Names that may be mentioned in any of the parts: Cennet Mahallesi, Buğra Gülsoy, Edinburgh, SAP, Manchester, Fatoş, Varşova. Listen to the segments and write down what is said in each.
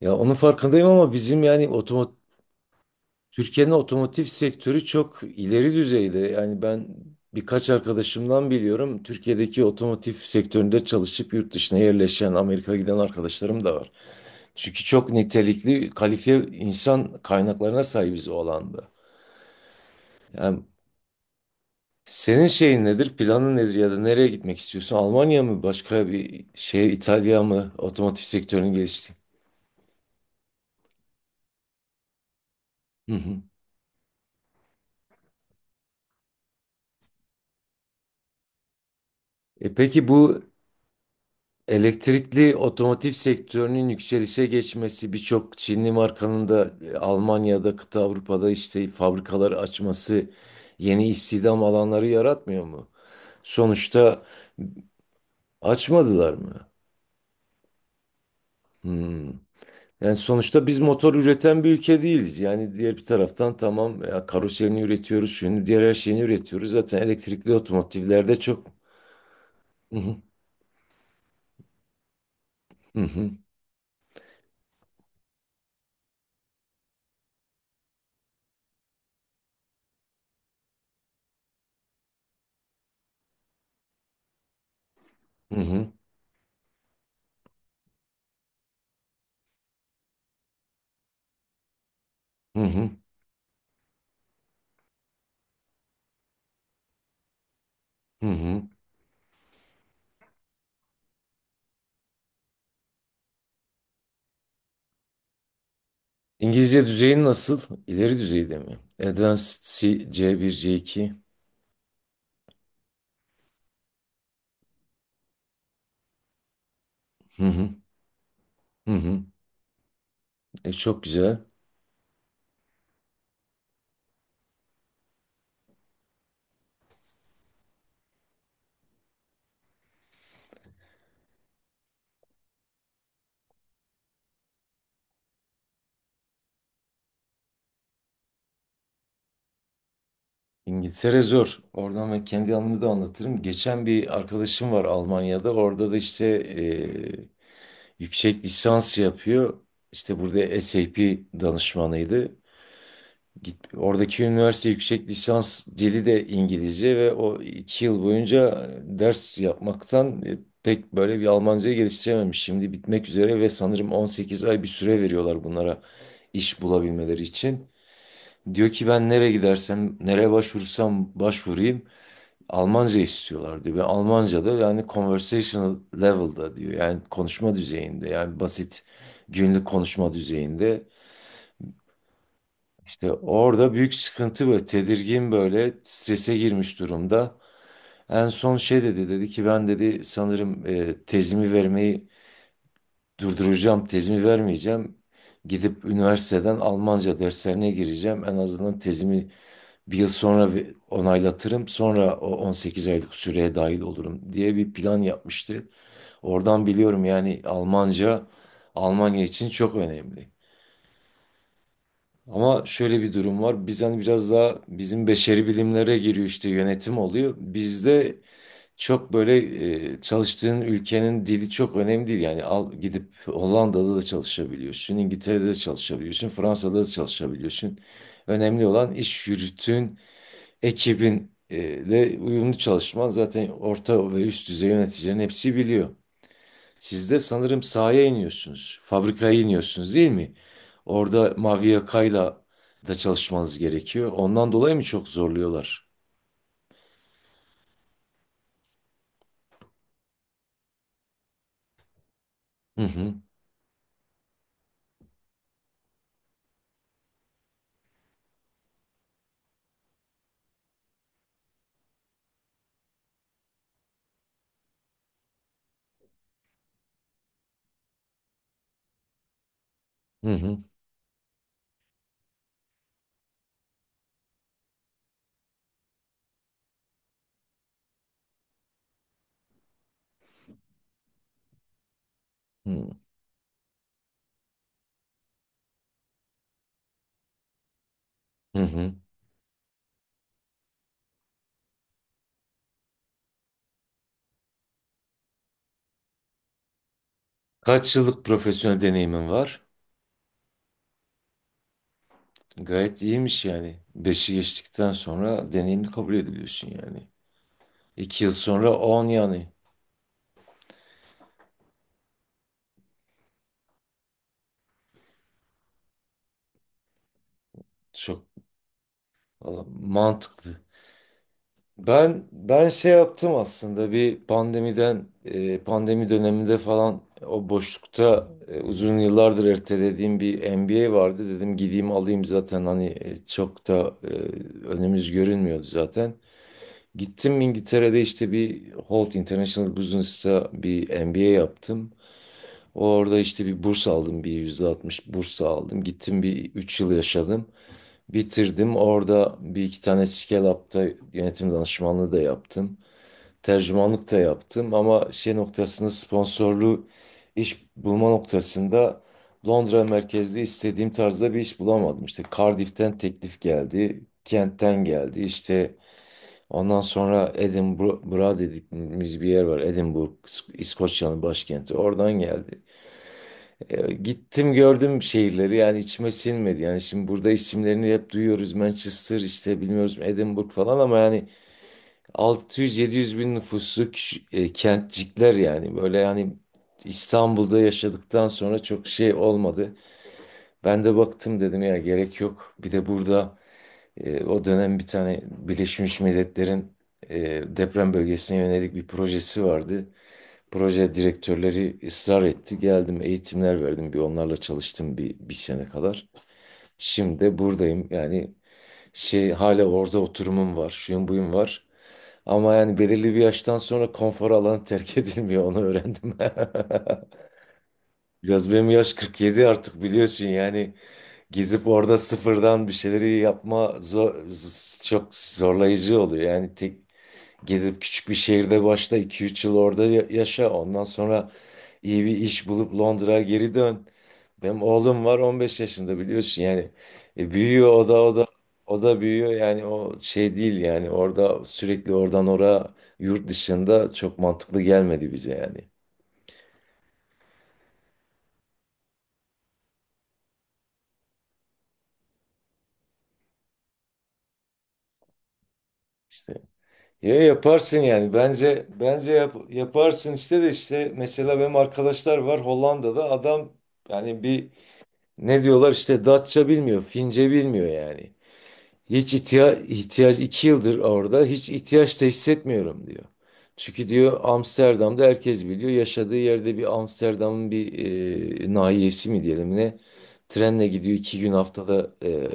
Ya onun farkındayım ama bizim yani Türkiye'nin otomotiv sektörü çok ileri düzeyde. Yani ben birkaç arkadaşımdan biliyorum. Türkiye'deki otomotiv sektöründe çalışıp yurt dışına yerleşen, Amerika'ya giden arkadaşlarım da var. Çünkü çok nitelikli, kalifiye insan kaynaklarına sahibiz o alanda. Yani senin şeyin nedir, planın nedir ya da nereye gitmek istiyorsun? Almanya mı, başka bir şehir, İtalya mı, otomotiv sektörünün geliştiği? Hı hı. E peki bu elektrikli otomotiv sektörünün yükselişe geçmesi, birçok Çinli markanın da Almanya'da, kıta Avrupa'da işte fabrikaları açması yeni istihdam alanları yaratmıyor mu? Sonuçta açmadılar mı? Hmm. Yani sonuçta biz motor üreten bir ülke değiliz. Yani diğer bir taraftan tamam ya karoserini üretiyoruz, şunu diğer her şeyini üretiyoruz. Zaten elektrikli otomotivlerde çok. Hı hı, hı hı, hı hı, hı hı, hı hı. İngilizce düzeyin nasıl? İleri düzeyde mi? Advanced C, C1, C2. Hı hı, hı hı. Çok güzel. İngiltere zor. Oradan ben kendi anımı da anlatırım. Geçen bir arkadaşım var Almanya'da. Orada da işte yüksek lisans yapıyor. İşte burada SAP danışmanıydı. Git, oradaki üniversite yüksek lisans dili de İngilizce ve o 2 yıl boyunca ders yapmaktan pek böyle bir Almancayı geliştirememiş. Şimdi bitmek üzere ve sanırım 18 ay bir süre veriyorlar bunlara iş bulabilmeleri için. Diyor ki ben nereye gidersem, nereye başvursam başvurayım Almanca istiyorlar diyor. Ve Almanca da yani conversational level'da diyor. Yani konuşma düzeyinde yani basit günlük konuşma düzeyinde. İşte orada büyük sıkıntı ve tedirgin böyle strese girmiş durumda. En son şey dedi ki ben dedi sanırım tezimi vermeyi durduracağım, tezimi vermeyeceğim. Gidip üniversiteden Almanca derslerine gireceğim. En azından tezimi bir yıl sonra onaylatırım. Sonra o 18 aylık süreye dahil olurum diye bir plan yapmıştı. Oradan biliyorum yani Almanca Almanya için çok önemli. Ama şöyle bir durum var. Biz hani biraz daha bizim beşeri bilimlere giriyor işte yönetim oluyor. Bizde çok böyle çalıştığın ülkenin dili çok önemli değil. Yani al gidip Hollanda'da da çalışabiliyorsun, İngiltere'de de çalışabiliyorsun, Fransa'da da çalışabiliyorsun. Önemli olan iş yürütün, ekibin de uyumlu çalışman. Zaten orta ve üst düzey yöneticilerin hepsi biliyor. Siz de sanırım sahaya iniyorsunuz. Fabrikaya iniyorsunuz değil mi? Orada mavi yakayla da çalışmanız gerekiyor. Ondan dolayı mı çok zorluyorlar? Hı hı, hı hı, hı hı. Hı. Kaç yıllık profesyonel deneyimin var? Gayet iyiymiş yani. Beşi geçtikten sonra deneyimli kabul ediliyorsun yani. 2 yıl sonra 10 yani. Çok valla mantıklı. Ben şey yaptım aslında bir pandemiden pandemi döneminde falan o boşlukta uzun yıllardır ertelediğim bir MBA vardı dedim gideyim alayım zaten hani çok da önümüz görünmüyordu zaten. Gittim İngiltere'de işte bir Holt International Business'ta bir MBA yaptım. Orada işte bir burs aldım bir %60 burs aldım. Gittim bir 3 yıl yaşadım. Bitirdim. Orada bir iki tane Scale Up'ta yönetim danışmanlığı da yaptım tercümanlık da yaptım ama şey noktasında sponsorlu iş bulma noktasında Londra merkezli istediğim tarzda bir iş bulamadım. İşte Cardiff'ten teklif geldi, Kent'ten geldi. İşte ondan sonra Edinburgh dediğimiz bir yer var. Edinburgh, İskoçya'nın başkenti. Oradan geldi. Gittim gördüm şehirleri yani içime sinmedi. Yani şimdi burada isimlerini hep duyuyoruz. Manchester işte bilmiyoruz Edinburgh falan ama yani 600-700 bin nüfuslu kentcikler yani böyle hani İstanbul'da yaşadıktan sonra çok şey olmadı. Ben de baktım dedim ya gerek yok. Bir de burada o dönem bir tane Birleşmiş Milletler'in e, deprem bölgesine yönelik bir projesi vardı. Proje direktörleri ısrar etti. Geldim eğitimler verdim bir onlarla çalıştım bir sene kadar. Şimdi de buradayım yani şey hala orada oturumum var şuyum buyum var. Ama yani belirli bir yaştan sonra konfor alanı terk edilmiyor onu öğrendim. Biraz benim yaş 47 artık biliyorsun yani gidip orada sıfırdan bir şeyleri yapma zor, çok zorlayıcı oluyor. Yani tek gidip küçük bir şehirde başla iki üç yıl orada yaşa. Ondan sonra iyi bir iş bulup Londra'ya geri dön. Benim oğlum var 15 yaşında biliyorsun yani. Büyüyor o da büyüyor yani o şey değil yani orada sürekli oradan oraya yurt dışında çok mantıklı gelmedi bize yani. İşte ya yaparsın yani bence yaparsın işte de işte mesela benim arkadaşlar var Hollanda'da adam yani bir ne diyorlar işte Datça bilmiyor, Fince bilmiyor yani. Hiç ihtiyaç 2 yıldır orada hiç ihtiyaç da hissetmiyorum diyor. Çünkü diyor Amsterdam'da herkes biliyor yaşadığı yerde bir Amsterdam'ın bir nahiyesi mi diyelim ne trenle gidiyor 2 gün haftada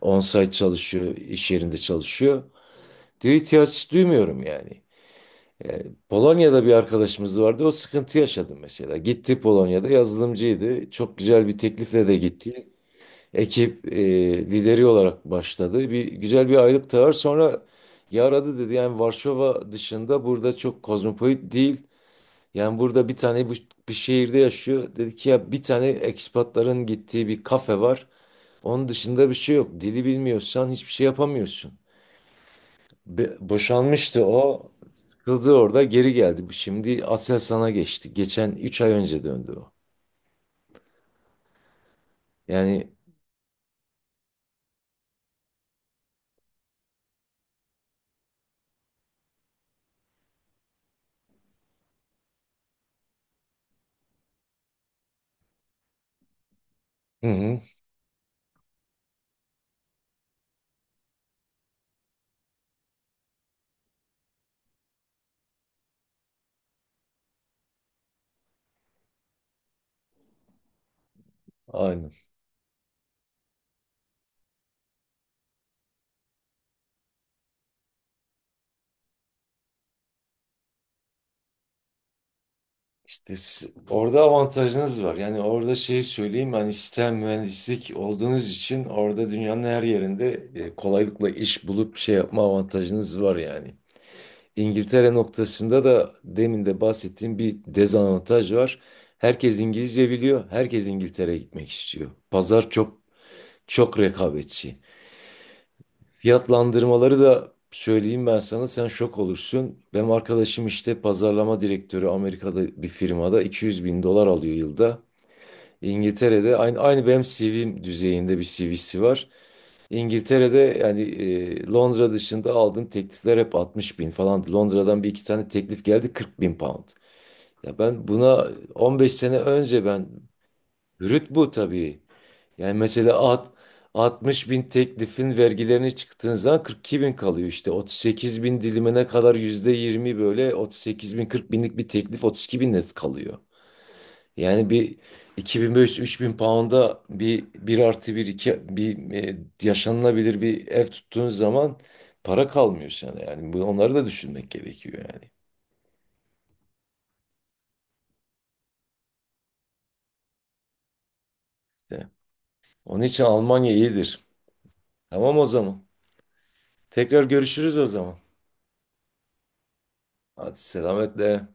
on-site çalışıyor iş yerinde çalışıyor. Diyor ihtiyaç duymuyorum yani. E, Polonya'da bir arkadaşımız vardı o sıkıntı yaşadı mesela. Gitti Polonya'da yazılımcıydı çok güzel bir teklifle de gitti ekip lideri olarak başladı. Bir güzel bir aylık tağır sonra yaradı dedi. Yani Varşova dışında burada çok kozmopolit değil. Yani burada bir tane bu, bir şehirde yaşıyor. Dedi ki ya bir tane ekspatların gittiği bir kafe var. Onun dışında bir şey yok. Dili bilmiyorsan hiçbir şey yapamıyorsun. Boşanmıştı o. Sıkıldı orada geri geldi. Şimdi Aselsan'a geçti. Geçen 3 ay önce döndü o. Yani hı hı, aynen. İşte orada avantajınız var. Yani orada şeyi söyleyeyim hani sistem mühendislik olduğunuz için orada dünyanın her yerinde kolaylıkla iş bulup şey yapma avantajınız var yani. İngiltere noktasında da demin de bahsettiğim bir dezavantaj var. Herkes İngilizce biliyor. Herkes İngiltere'ye gitmek istiyor. Pazar çok çok rekabetçi. Fiyatlandırmaları da söyleyeyim ben sana sen şok olursun. Benim arkadaşım işte pazarlama direktörü Amerika'da bir firmada 200 bin dolar alıyor yılda. İngiltere'de aynı benim CV'm düzeyinde bir CV'si var. İngiltere'de yani Londra dışında aldığım teklifler hep 60 bin falan. Londra'dan bir iki tane teklif geldi 40 bin pound. Ya ben buna 15 sene önce ben brüt bu tabii. Yani mesela at, 60 bin teklifin vergilerini çıktığın zaman 42 bin kalıyor işte. 38 bin dilimine kadar yüzde %20 böyle 38 bin 40 binlik bir teklif 32 bin net kalıyor. Yani bir 2500-3000 pound'a bir artı 1 2 bir yaşanılabilir bir ev tuttuğun zaman para kalmıyor sana yani. Bu, onları da düşünmek gerekiyor yani. İşte. Onun için Almanya iyidir. Tamam o zaman. Tekrar görüşürüz o zaman. Hadi selametle.